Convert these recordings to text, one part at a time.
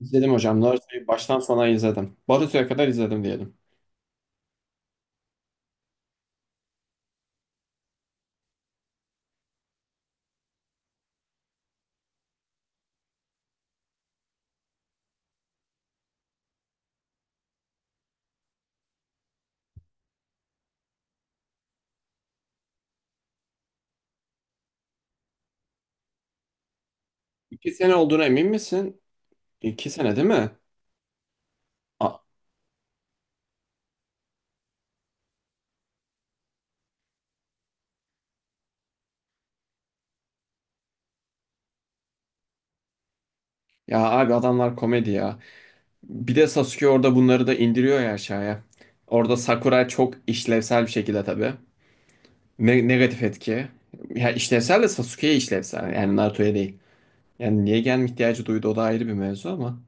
İzledim hocam. Naruto'yu baştan sona izledim. Boruto'ya kadar izledim diyelim. 2 sene olduğuna emin misin? 2 sene değil mi? A- Ya abi adamlar komedi ya. Bir de Sasuke orada bunları da indiriyor ya aşağıya. Orada Sakura çok işlevsel bir şekilde tabii. Negatif etki. Ya işlevsel de Sasuke'ye işlevsel. Yani Naruto'ya değil. Yani niye gelme ihtiyacı duydu o da ayrı bir mevzu ama.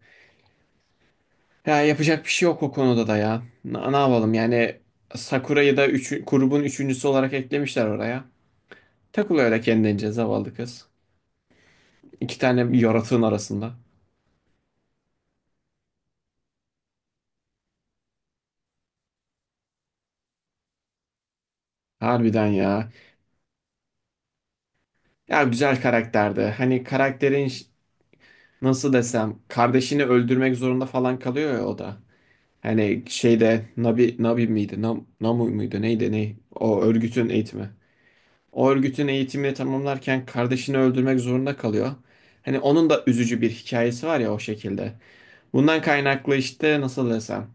Ya yapacak bir şey yok o konuda da ya. Ne yapalım yani. Sakura'yı da grubun üçüncüsü olarak eklemişler oraya. Takılıyor öyle kendince zavallı kız. İki tane yaratığın arasında. Harbiden ya. Ya güzel karakterdi. Hani karakterin nasıl desem, kardeşini öldürmek zorunda falan kalıyor ya o da. Hani şeyde Nabi, Nabi miydi? Namu muydu? Neydi? Ne? O örgütün eğitimi. O örgütün eğitimini tamamlarken kardeşini öldürmek zorunda kalıyor. Hani onun da üzücü bir hikayesi var ya o şekilde. Bundan kaynaklı işte nasıl desem.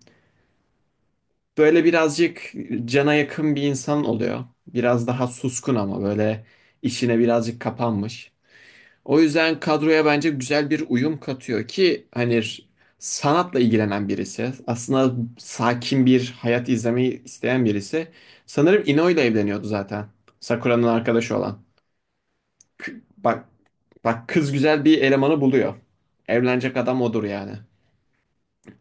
Böyle birazcık cana yakın bir insan oluyor. Biraz daha suskun ama böyle işine birazcık kapanmış. O yüzden kadroya bence güzel bir uyum katıyor ki hani sanatla ilgilenen birisi, aslında sakin bir hayat izlemeyi isteyen birisi. Sanırım Ino ile evleniyordu zaten. Sakura'nın arkadaşı olan. Bak, bak kız güzel bir elemanı buluyor. Evlenecek adam odur yani.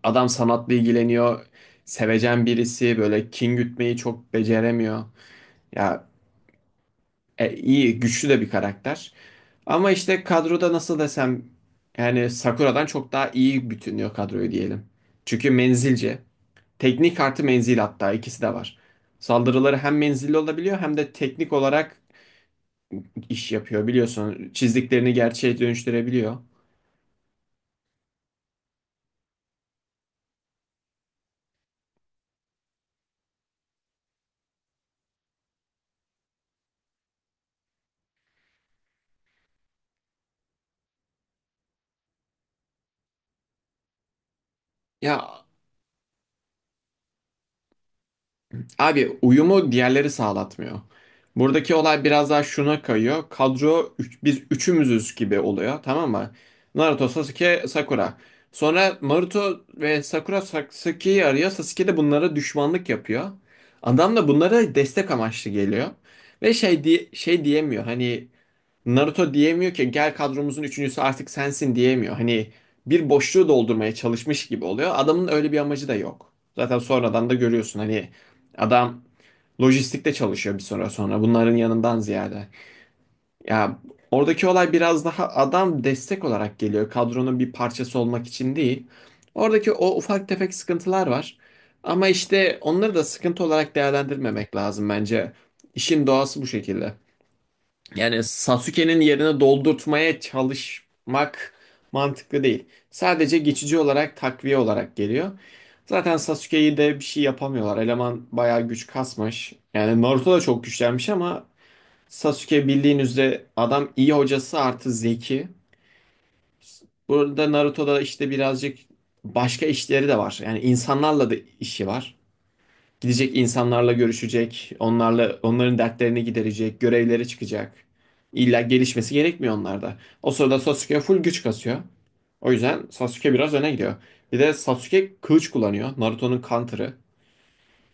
Adam sanatla ilgileniyor. Sevecen birisi, böyle kin gütmeyi çok beceremiyor. Ya iyi, güçlü de bir karakter. Ama işte kadroda nasıl desem, yani Sakura'dan çok daha iyi bütünlüyor kadroyu diyelim. Çünkü menzilce. Teknik artı menzil, hatta ikisi de var. Saldırıları hem menzilli olabiliyor hem de teknik olarak iş yapıyor, biliyorsun. Çizdiklerini gerçeğe dönüştürebiliyor. Ya abi, uyumu diğerleri sağlatmıyor. Buradaki olay biraz daha şuna kayıyor. Kadro biz üçümüzüz gibi oluyor, tamam mı? Naruto, Sasuke, Sakura. Sonra Naruto ve Sakura Sasuke'yi arıyor. Sasuke de bunlara düşmanlık yapıyor. Adam da bunlara destek amaçlı geliyor. Ve şey, diye, şey diyemiyor hani. Naruto diyemiyor ki gel kadromuzun üçüncüsü artık sensin, diyemiyor. Hani bir boşluğu doldurmaya çalışmış gibi oluyor. Adamın öyle bir amacı da yok. Zaten sonradan da görüyorsun hani adam lojistikte çalışıyor bir süre sonra, bunların yanından ziyade. Ya, oradaki olay biraz daha adam destek olarak geliyor. Kadronun bir parçası olmak için değil. Oradaki o ufak tefek sıkıntılar var. Ama işte onları da sıkıntı olarak değerlendirmemek lazım bence. İşin doğası bu şekilde. Yani Sasuke'nin yerine doldurtmaya çalışmak mantıklı değil. Sadece geçici olarak, takviye olarak geliyor. Zaten Sasuke'yi de bir şey yapamıyorlar. Eleman bayağı güç kasmış. Yani Naruto da çok güçlenmiş ama Sasuke, bildiğin üzere, adam iyi hocası artı zeki. Burada Naruto'da işte birazcık başka işleri de var. Yani insanlarla da işi var. Gidecek, insanlarla görüşecek, onlarla onların dertlerini giderecek, görevlere çıkacak. İlla gelişmesi gerekmiyor onlarda. O sırada Sasuke full güç kasıyor. O yüzden Sasuke biraz öne gidiyor. Bir de Sasuke kılıç kullanıyor. Naruto'nun counter'ı.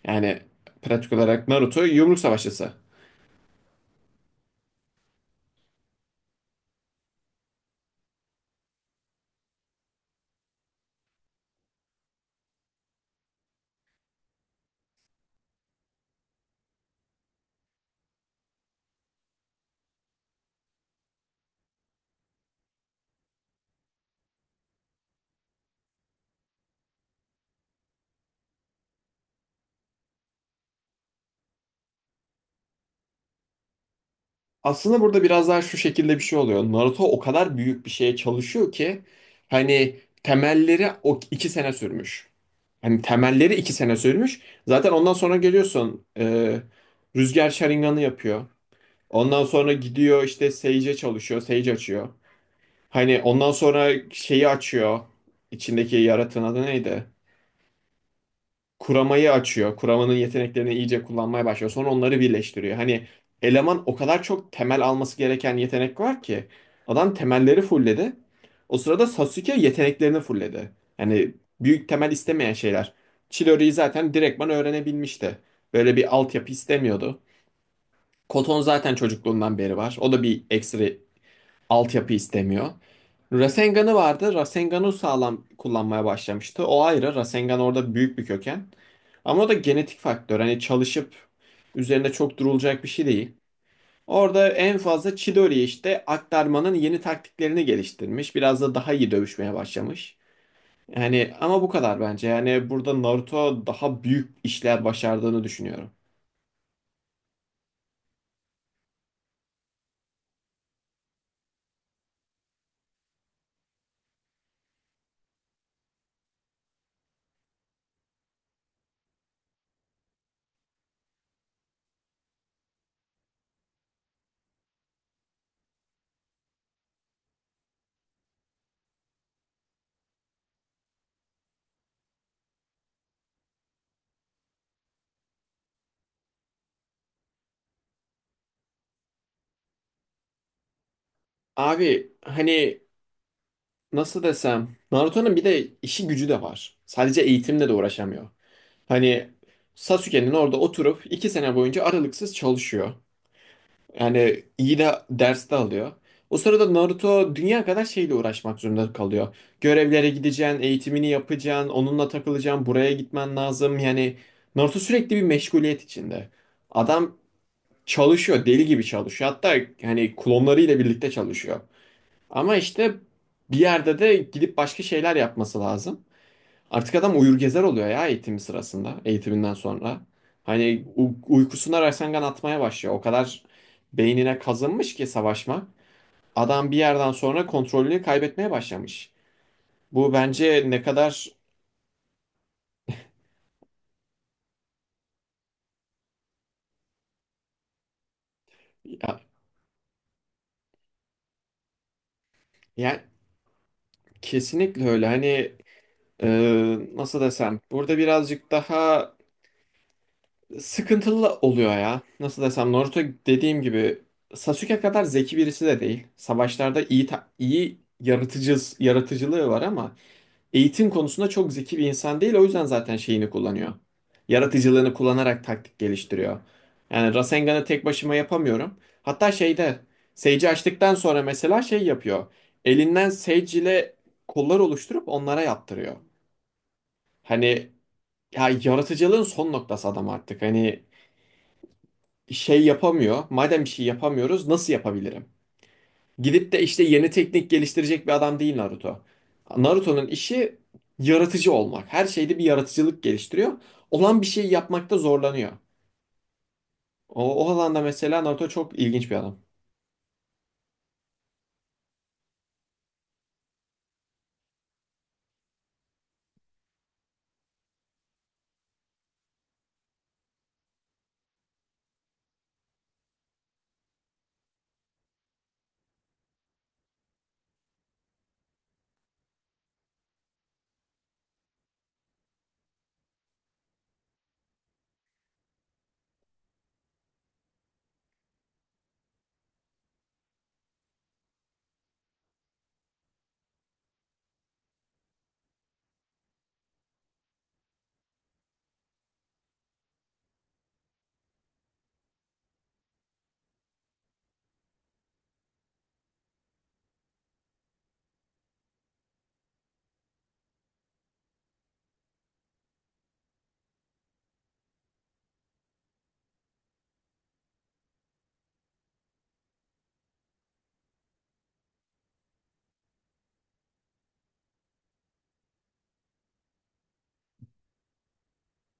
Yani pratik olarak Naruto yumruk savaşçısı. Aslında burada biraz daha şu şekilde bir şey oluyor. Naruto o kadar büyük bir şeye çalışıyor ki hani temelleri o 2 sene sürmüş. Hani temelleri 2 sene sürmüş. Zaten ondan sonra geliyorsun, Rüzgar Sharingan'ı yapıyor. Ondan sonra gidiyor işte Sage'e çalışıyor. Sage açıyor. Hani ondan sonra şeyi açıyor. İçindeki yaratığın adı neydi? Kuramayı açıyor. Kuramanın yeteneklerini iyice kullanmaya başlıyor. Sonra onları birleştiriyor. Hani eleman o kadar çok temel alması gereken yetenek var ki adam temelleri fulledi. O sırada Sasuke yeteneklerini fulledi. Yani büyük temel istemeyen şeyler. Chidori'yi zaten direktman öğrenebilmişti. Böyle bir altyapı istemiyordu. Koton zaten çocukluğundan beri var. O da bir ekstra altyapı istemiyor. Rasengan'ı vardı. Rasengan'ı sağlam kullanmaya başlamıştı. O ayrı. Rasengan orada büyük bir köken. Ama o da genetik faktör. Hani çalışıp üzerinde çok durulacak bir şey değil. Orada en fazla Chidori işte, aktarmanın yeni taktiklerini geliştirmiş. Biraz da daha iyi dövüşmeye başlamış. Yani ama bu kadar bence. Yani burada Naruto daha büyük işler başardığını düşünüyorum. Abi hani nasıl desem, Naruto'nun bir de işi gücü de var. Sadece eğitimle de uğraşamıyor. Hani Sasuke'nin orada oturup 2 sene boyunca aralıksız çalışıyor. Yani iyi de ders de alıyor. O sırada Naruto dünya kadar şeyle uğraşmak zorunda kalıyor. Görevlere gideceksin, eğitimini yapacaksın, onunla takılacaksın, buraya gitmen lazım. Yani Naruto sürekli bir meşguliyet içinde. Adam çalışıyor, deli gibi çalışıyor. Hatta hani klonlarıyla birlikte çalışıyor. Ama işte bir yerde de gidip başka şeyler yapması lazım. Artık adam uyur gezer oluyor ya, eğitimi sırasında, eğitiminden sonra. Hani uykusuna raysangan atmaya başlıyor. O kadar beynine kazınmış ki savaşma. Adam bir yerden sonra kontrolünü kaybetmeye başlamış. Bu bence ne kadar ya, ya kesinlikle öyle. Hani e, nasıl desem, burada birazcık daha sıkıntılı oluyor ya. Nasıl desem, Naruto dediğim gibi Sasuke kadar zeki birisi de değil. Savaşlarda iyi yaratıcı, yaratıcılığı var ama eğitim konusunda çok zeki bir insan değil. O yüzden zaten şeyini kullanıyor. Yaratıcılığını kullanarak taktik geliştiriyor. Yani Rasengan'ı tek başıma yapamıyorum. Hatta şeyde Sage'i açtıktan sonra mesela şey yapıyor. Elinden Sage ile kollar oluşturup onlara yaptırıyor. Hani ya, yaratıcılığın son noktası adam artık. Hani şey yapamıyor. Madem bir şey yapamıyoruz, nasıl yapabilirim? Gidip de işte yeni teknik geliştirecek bir adam değil Naruto. Naruto'nun işi yaratıcı olmak. Her şeyde bir yaratıcılık geliştiriyor. Olan bir şey yapmakta zorlanıyor. O alanda mesela Naruto çok ilginç bir adam.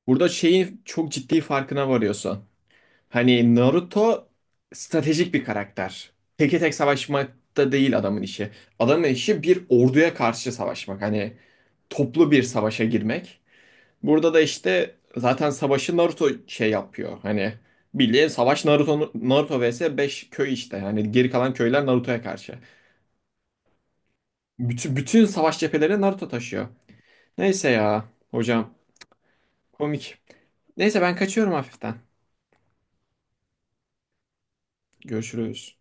Burada şeyin çok ciddi farkına varıyorsun. Hani Naruto stratejik bir karakter. Teke tek savaşmakta değil adamın işi. Adamın işi bir orduya karşı savaşmak. Hani toplu bir savaşa girmek. Burada da işte zaten savaşı Naruto şey yapıyor. Hani bildiğin savaş, Naruto vs 5 köy işte. Yani geri kalan köyler Naruto'ya karşı. Bütün savaş cepheleri Naruto taşıyor. Neyse ya hocam, komik. Neyse ben kaçıyorum hafiften. Görüşürüz.